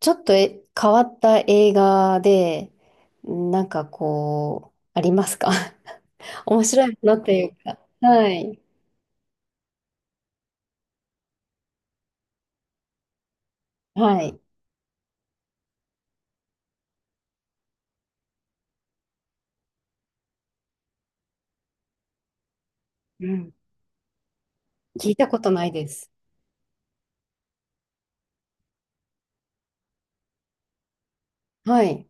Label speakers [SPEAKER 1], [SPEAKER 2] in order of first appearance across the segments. [SPEAKER 1] ちょっと変わった映画で、なんかこう、ありますか？ 面白いものっていうか。はい。はい。うん。聞いたことないです。はい。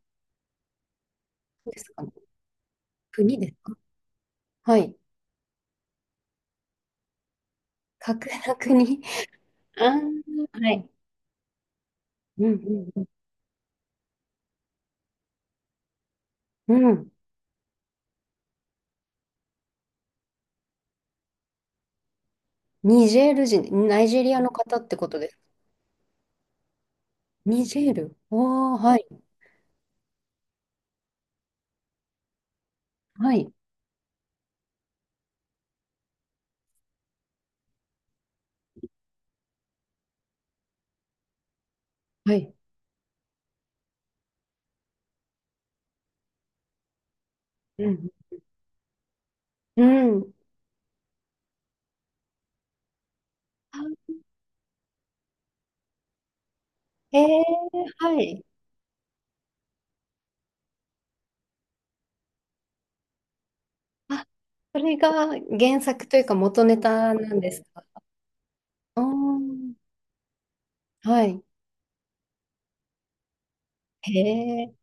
[SPEAKER 1] そうですかね。国ですか？はい。架空の国。ああ、はい。うんうんうん。うん。ニジェール人、ナイジェリアの方ってことです。ニジェール。おー、はい。はい。はい。うん。うん。あ、えー、はい。あ、それが原作というか元ネタなんですか？あー、はい。へえ。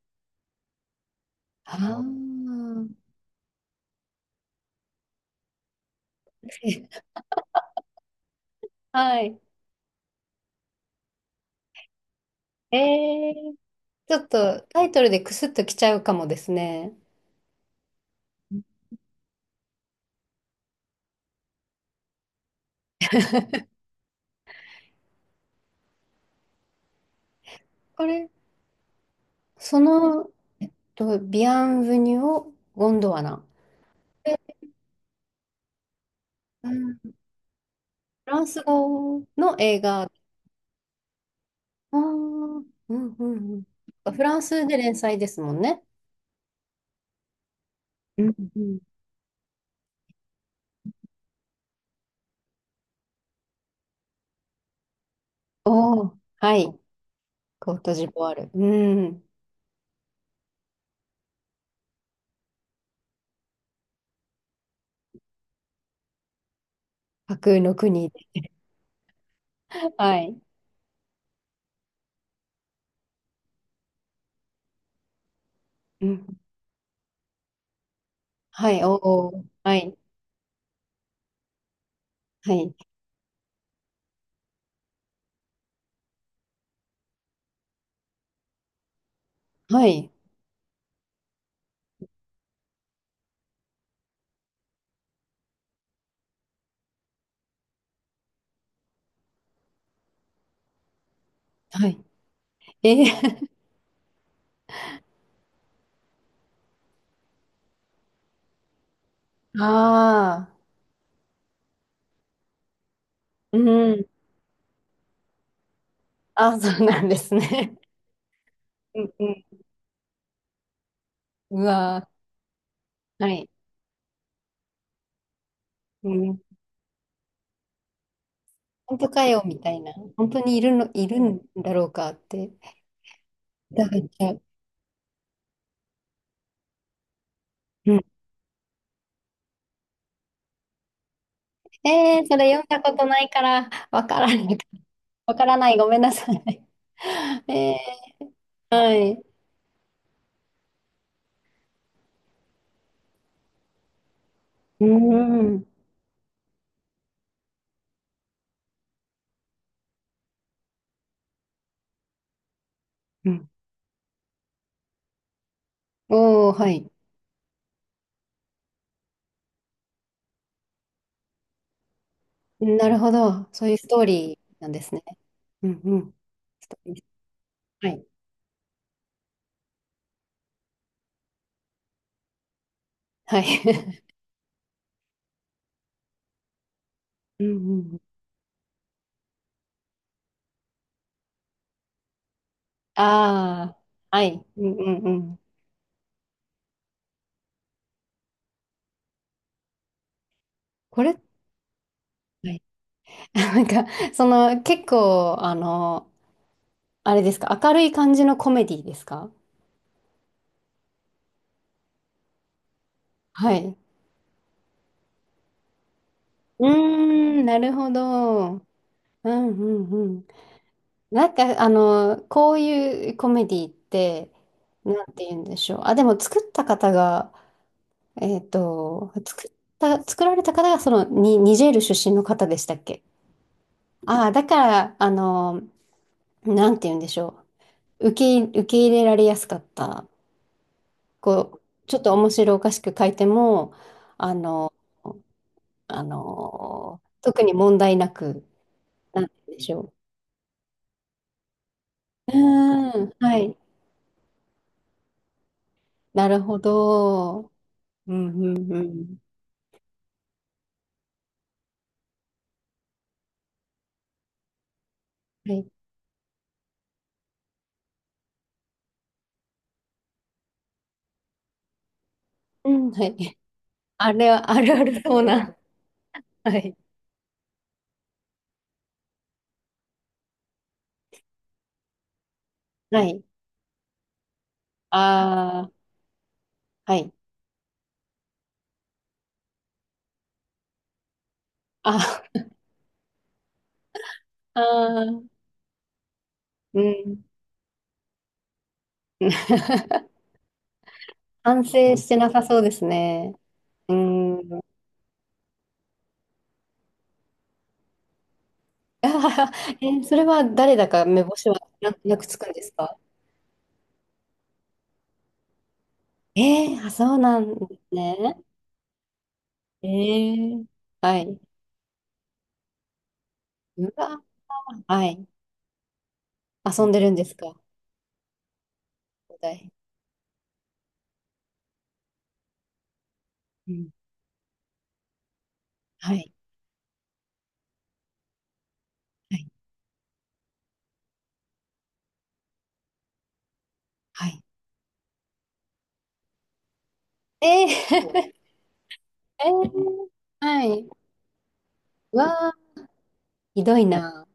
[SPEAKER 1] ああ。はい。ええ。ちょっとタイトルでクスッときちゃうかもですね。これ、その、とビアンヴニュオ・ゴンドワナ。で、うん、フランス語の映画。ああ、うんうんうん。フランスで連載ですもんね。うんうん。おお、はい。コートジボワール。うん。架空の国で。はい。うん。はい、おお。はい。はい。はい。はい。えー、ああ。うん。あ、そうなんですね。うんうん。うわー。はい。うん。本当かよ、みたいな。本当にいるの、いるんだろうかって。だから、うん。えー、それ読んだことないから、わからない。わからない。ごめんなさい。えー、はい。うん。うん。おお、はい。なるほど。そういうストーリーなんですね。うんうん。はい。はい。うんうん、ああ、はい。うんうんうん。これ、はい。なんか、その、結構、あの、あれですか、明るい感じのコメディですか？はい。うーん、なるほど。うんうんうん。なんか、あの、こういうコメディって、なんて言うんでしょう。あ、でも作った方が、えっと、作っ作られた方が、その、に、ニジェール出身の方でしたっけ？ああ、だから、あの、なんて言うんでしょう。受け入れられやすかった。こう、ちょっと面白おかしく書いても、あの、あの、特に問題なく、なんて言うんでしょう。うーん、はい。なるほど。うん、うん、うん。はい。うん、はい。あれは、あるあるそうな。はい。はい。ああ、はい。ああ、あ、うん。反省してなさそうですね。うん。あはは。え、それは誰だか目星はなんとなくつくんですか？えー、あ、そうなんですね。えー、はい。うわ、はい。遊んでるんですか？お題。うん。はい。はい。はい。えー、えー、はい。うわー、ひどいな。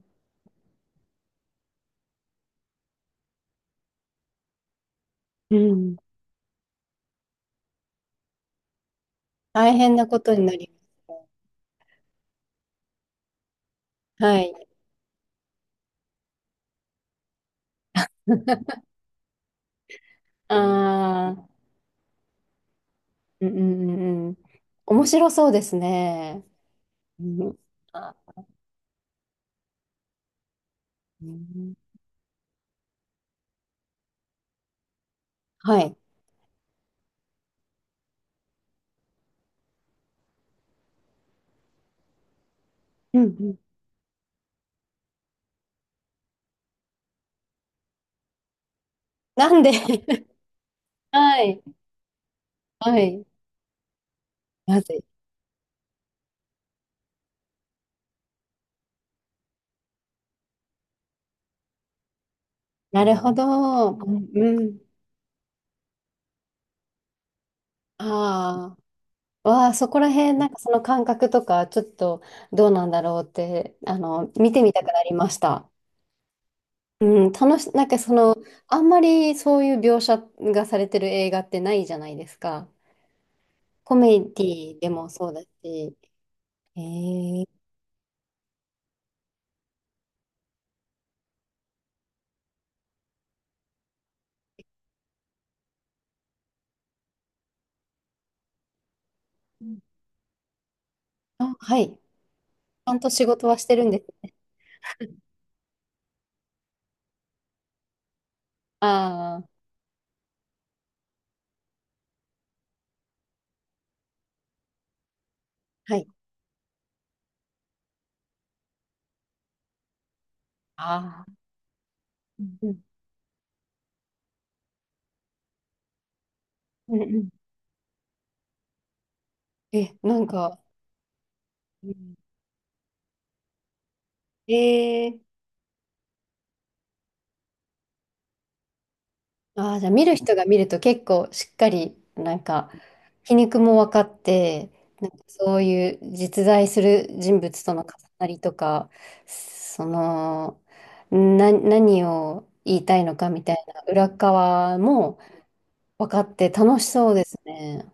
[SPEAKER 1] うん。大変なことになります。はい。ああ、うんうんうんうん。面白そうですね。うん。あ、うん、はい。うんうん。なんで？ はい、はい、まずい。なるほど。うん、うん。ああ、わあ、そこら辺、なんかその感覚とか、ちょっとどうなんだろうって、あの、見てみたくなりました。なんかその、あんまりそういう描写がされてる映画ってないじゃないですか。コメディでもそうだし。えー、あ、はい。ちゃんと仕事はしてるんです。ああ、はい。ああ、うん、うん、うんうん。え、なんか、うん、えー、ああ、じゃあ見る人が見ると結構しっかり、なんか、皮肉も分かって、なんかそういう実在する人物との重なりとか、その、何を言いたいのかみたいな裏側も分かって楽しそうですね。